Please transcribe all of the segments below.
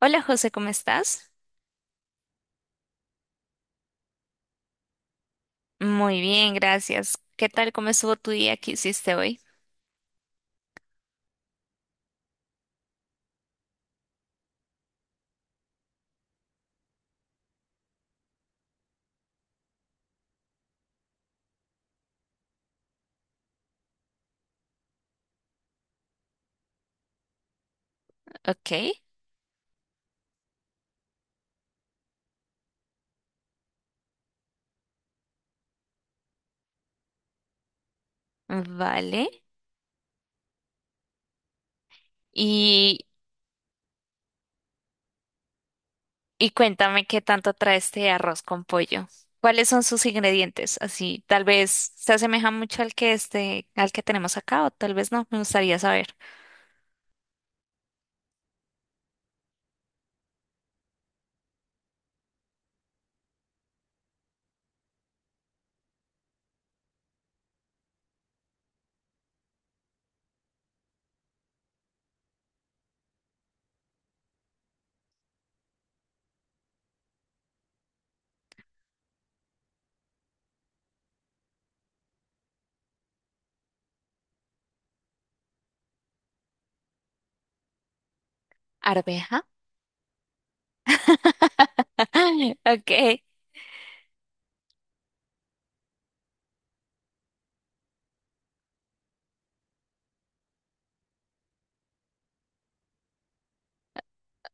Hola José, ¿cómo estás? Muy bien, gracias. ¿Qué tal? ¿Cómo estuvo tu día? ¿Qué hiciste hoy? Ok, vale. Y, y cuéntame qué tanto trae este arroz con pollo. ¿Cuáles son sus ingredientes? Así, tal vez se asemeja mucho al que este, al que tenemos acá, o tal vez no. Me gustaría saber. ¿Arveja? Ok,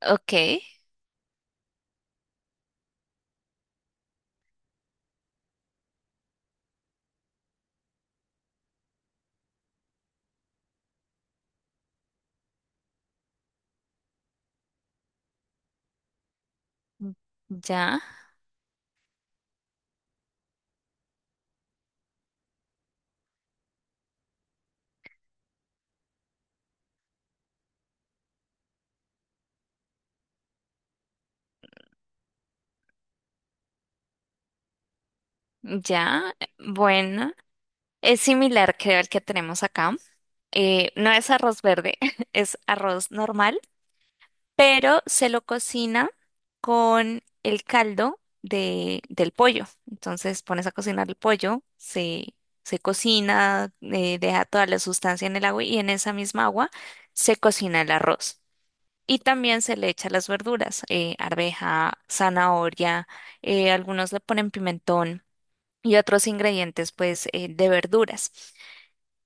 ok, ya, ya. Bueno. Es similar, creo, al que tenemos acá. No es arroz verde, es arroz normal, pero se lo cocina con el caldo del pollo. Entonces pones a cocinar el pollo, se cocina, deja toda la sustancia en el agua y en esa misma agua se cocina el arroz. Y también se le echa las verduras, arveja, zanahoria, algunos le ponen pimentón y otros ingredientes pues de verduras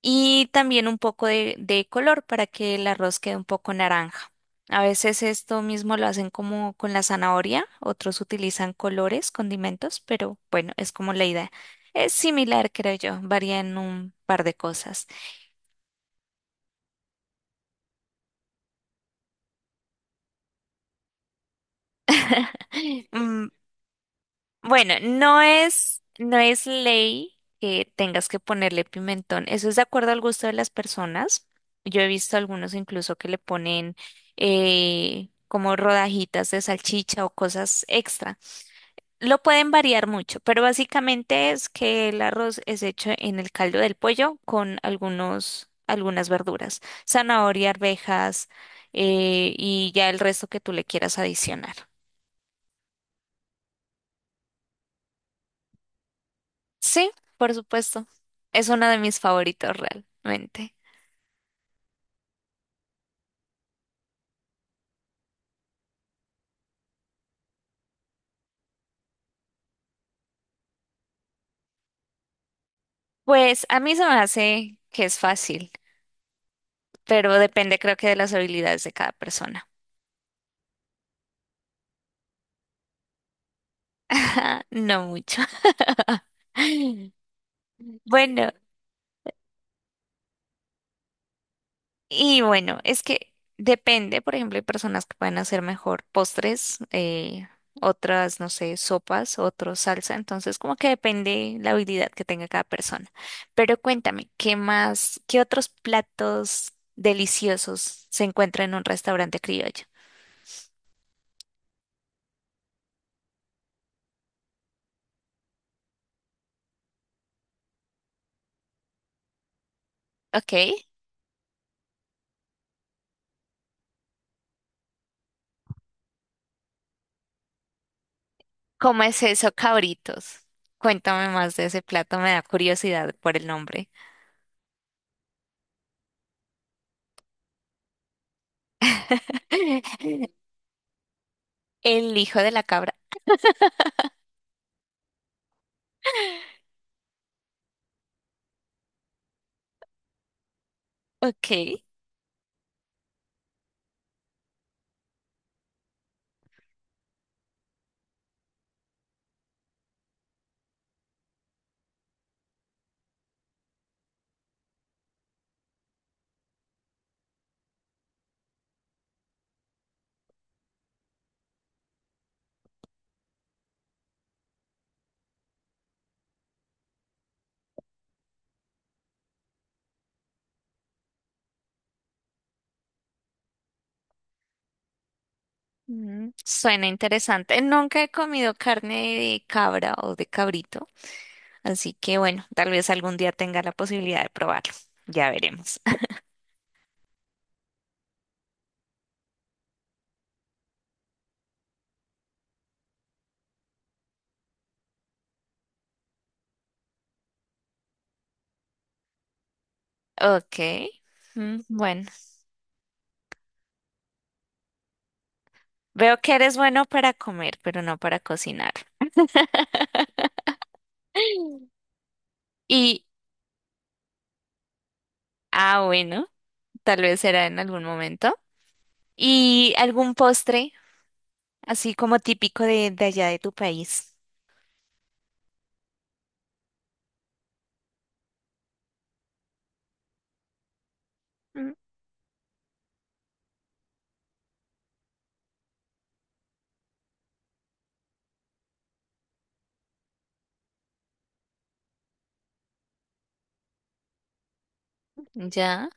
y también un poco de color para que el arroz quede un poco naranja. A veces esto mismo lo hacen como con la zanahoria, otros utilizan colores, condimentos, pero bueno, es como la idea. Es similar, creo yo, varía en un par de cosas. Mm, bueno, no es ley que tengas que ponerle pimentón. Eso es de acuerdo al gusto de las personas. Yo he visto algunos incluso que le ponen como rodajitas de salchicha o cosas extra. Lo pueden variar mucho, pero básicamente es que el arroz es hecho en el caldo del pollo con algunas verduras, zanahoria, arvejas, y ya el resto que tú le quieras adicionar. Sí, por supuesto. Es uno de mis favoritos realmente. Pues a mí se me hace que es fácil, pero depende creo que de las habilidades de cada persona. No mucho. Bueno. Y bueno, es que depende, por ejemplo, hay personas que pueden hacer mejor postres, otras, no sé, sopas, otros salsa, entonces como que depende la habilidad que tenga cada persona. Pero cuéntame, ¿qué otros platos deliciosos se encuentran en un restaurante criollo? Ok, ¿cómo es eso, cabritos? Cuéntame más de ese plato, me da curiosidad por el nombre. El hijo de la cabra. Ok. Mm, suena interesante. Nunca he comido carne de cabra o de cabrito, así que bueno, tal vez algún día tenga la posibilidad de probarlo. Ya veremos. Ok. Mm, bueno, veo que eres bueno para comer, pero no para cocinar. Y, ah, bueno, tal vez será en algún momento. ¿Y algún postre, así como típico de allá de tu país? Ya,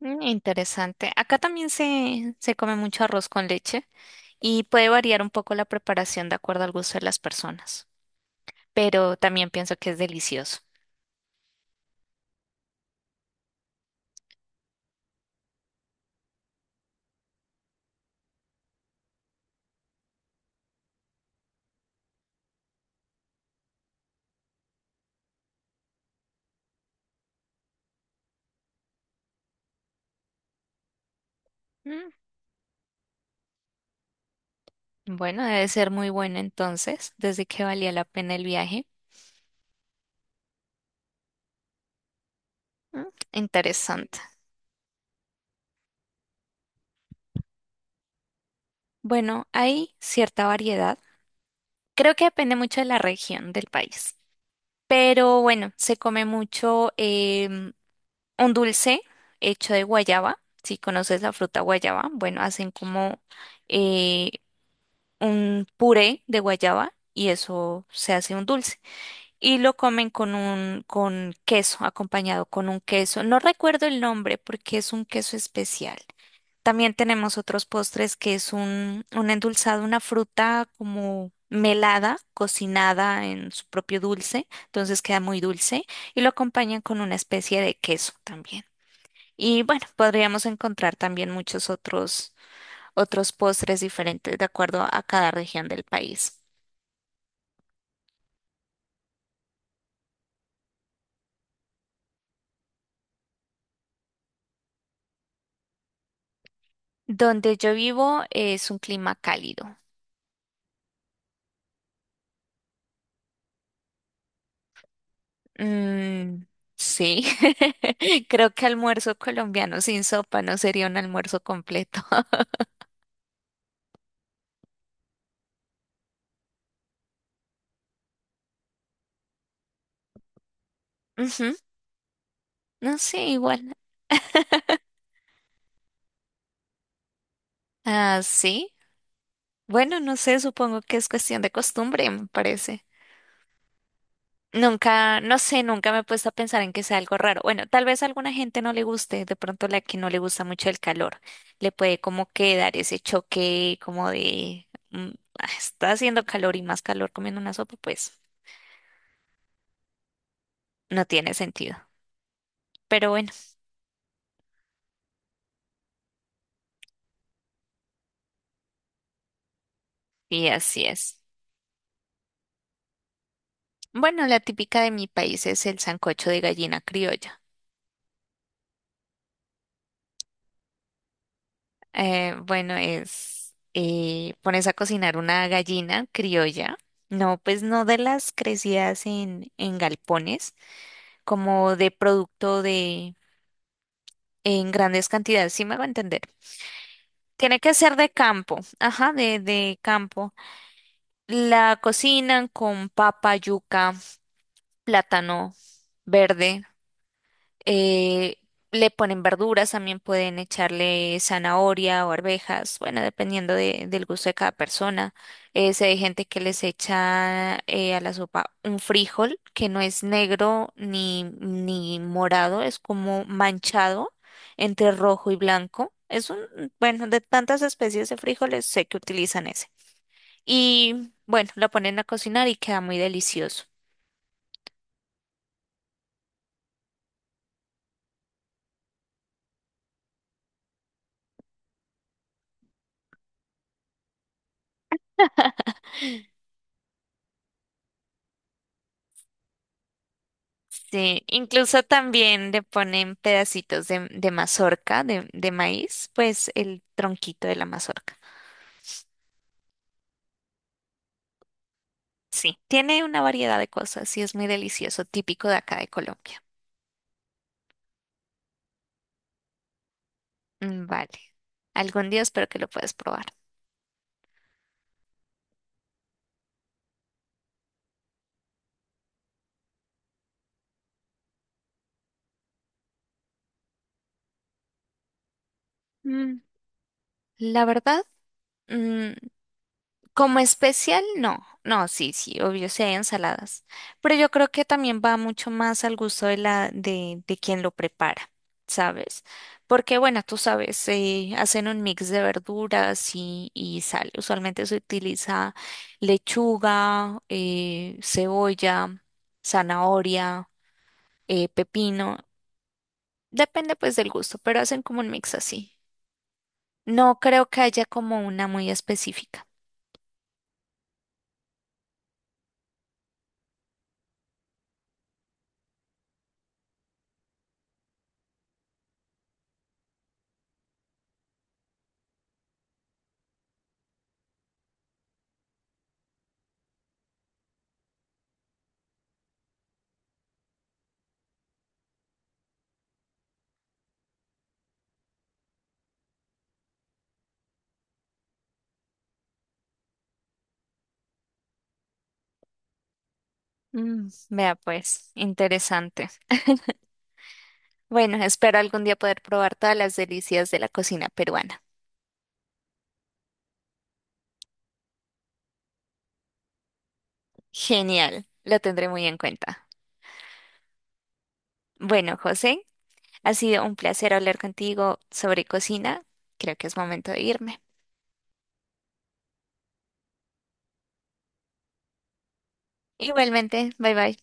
mm, interesante. Acá también se come mucho arroz con leche y puede variar un poco la preparación de acuerdo al gusto de las personas, pero también pienso que es delicioso. Mm, bueno, debe ser muy bueno entonces, desde que valía la pena el viaje. Mm, interesante. Bueno, hay cierta variedad. Creo que depende mucho de la región del país, pero bueno, se come mucho. Un dulce hecho de guayaba. Si conoces la fruta guayaba, bueno, hacen como eh, un puré de guayaba y eso se hace un dulce. Y lo comen con un con queso, acompañado con un queso. No recuerdo el nombre porque es un queso especial. También tenemos otros postres que es un endulzado, una fruta como melada, cocinada en su propio dulce, entonces queda muy dulce y lo acompañan con una especie de queso también. Y bueno, podríamos encontrar también otros postres diferentes de acuerdo a cada región del país. Donde yo vivo es un clima cálido. Mm, sí, creo que almuerzo colombiano sin sopa no sería un almuerzo completo. Ujú, no sé, igual. Ah, sí. Bueno, no sé, supongo que es cuestión de costumbre, me parece. Nunca, no sé, nunca me he puesto a pensar en que sea algo raro. Bueno, tal vez a alguna gente no le guste, de pronto la que no le gusta mucho el calor, le puede como que dar ese choque como de mm, "Ah, está haciendo calor y más calor comiendo una sopa, pues no tiene sentido". Pero bueno, y así es. Bueno, la típica de mi país es el sancocho de gallina criolla. Pones a cocinar una gallina criolla. No, pues no de las crecidas en galpones como de producto de en grandes cantidades, ¿sí me hago entender? Tiene que ser de campo, ajá, de campo. La cocinan con papa, yuca, plátano verde. eh, Le ponen verduras, también pueden echarle zanahoria o arvejas, bueno, dependiendo de- del gusto de cada persona. Sé de gente que les echa a la sopa un frijol que no es negro ni morado, es como manchado entre rojo y blanco. Es un, bueno, de tantas especies de frijoles sé que utilizan ese. Y bueno, lo ponen a cocinar y queda muy delicioso. Sí, incluso también le ponen pedacitos de mazorca, de maíz, pues el tronquito de la mazorca. Sí, tiene una variedad de cosas y es muy delicioso, típico de acá de Colombia. Mm, vale, algún día espero que lo puedas probar. Mm, la verdad, mm, como especial, no. No, sí, sí, obvio, sí hay ensaladas. Pero yo creo que también va mucho más al gusto de de quien lo prepara, ¿sabes? Porque, bueno, tú sabes, hacen un mix de verduras y sal. Usualmente se utiliza lechuga, cebolla, zanahoria, pepino. Depende, pues, del gusto, pero hacen como un mix así. No creo que haya como una muy específica. Mm, vea pues, interesante. Bueno, espero algún día poder probar todas las delicias de la cocina peruana. Genial, lo tendré muy en cuenta. Bueno, José, ha sido un placer hablar contigo sobre cocina. Creo que es momento de irme. Igualmente, bye bye.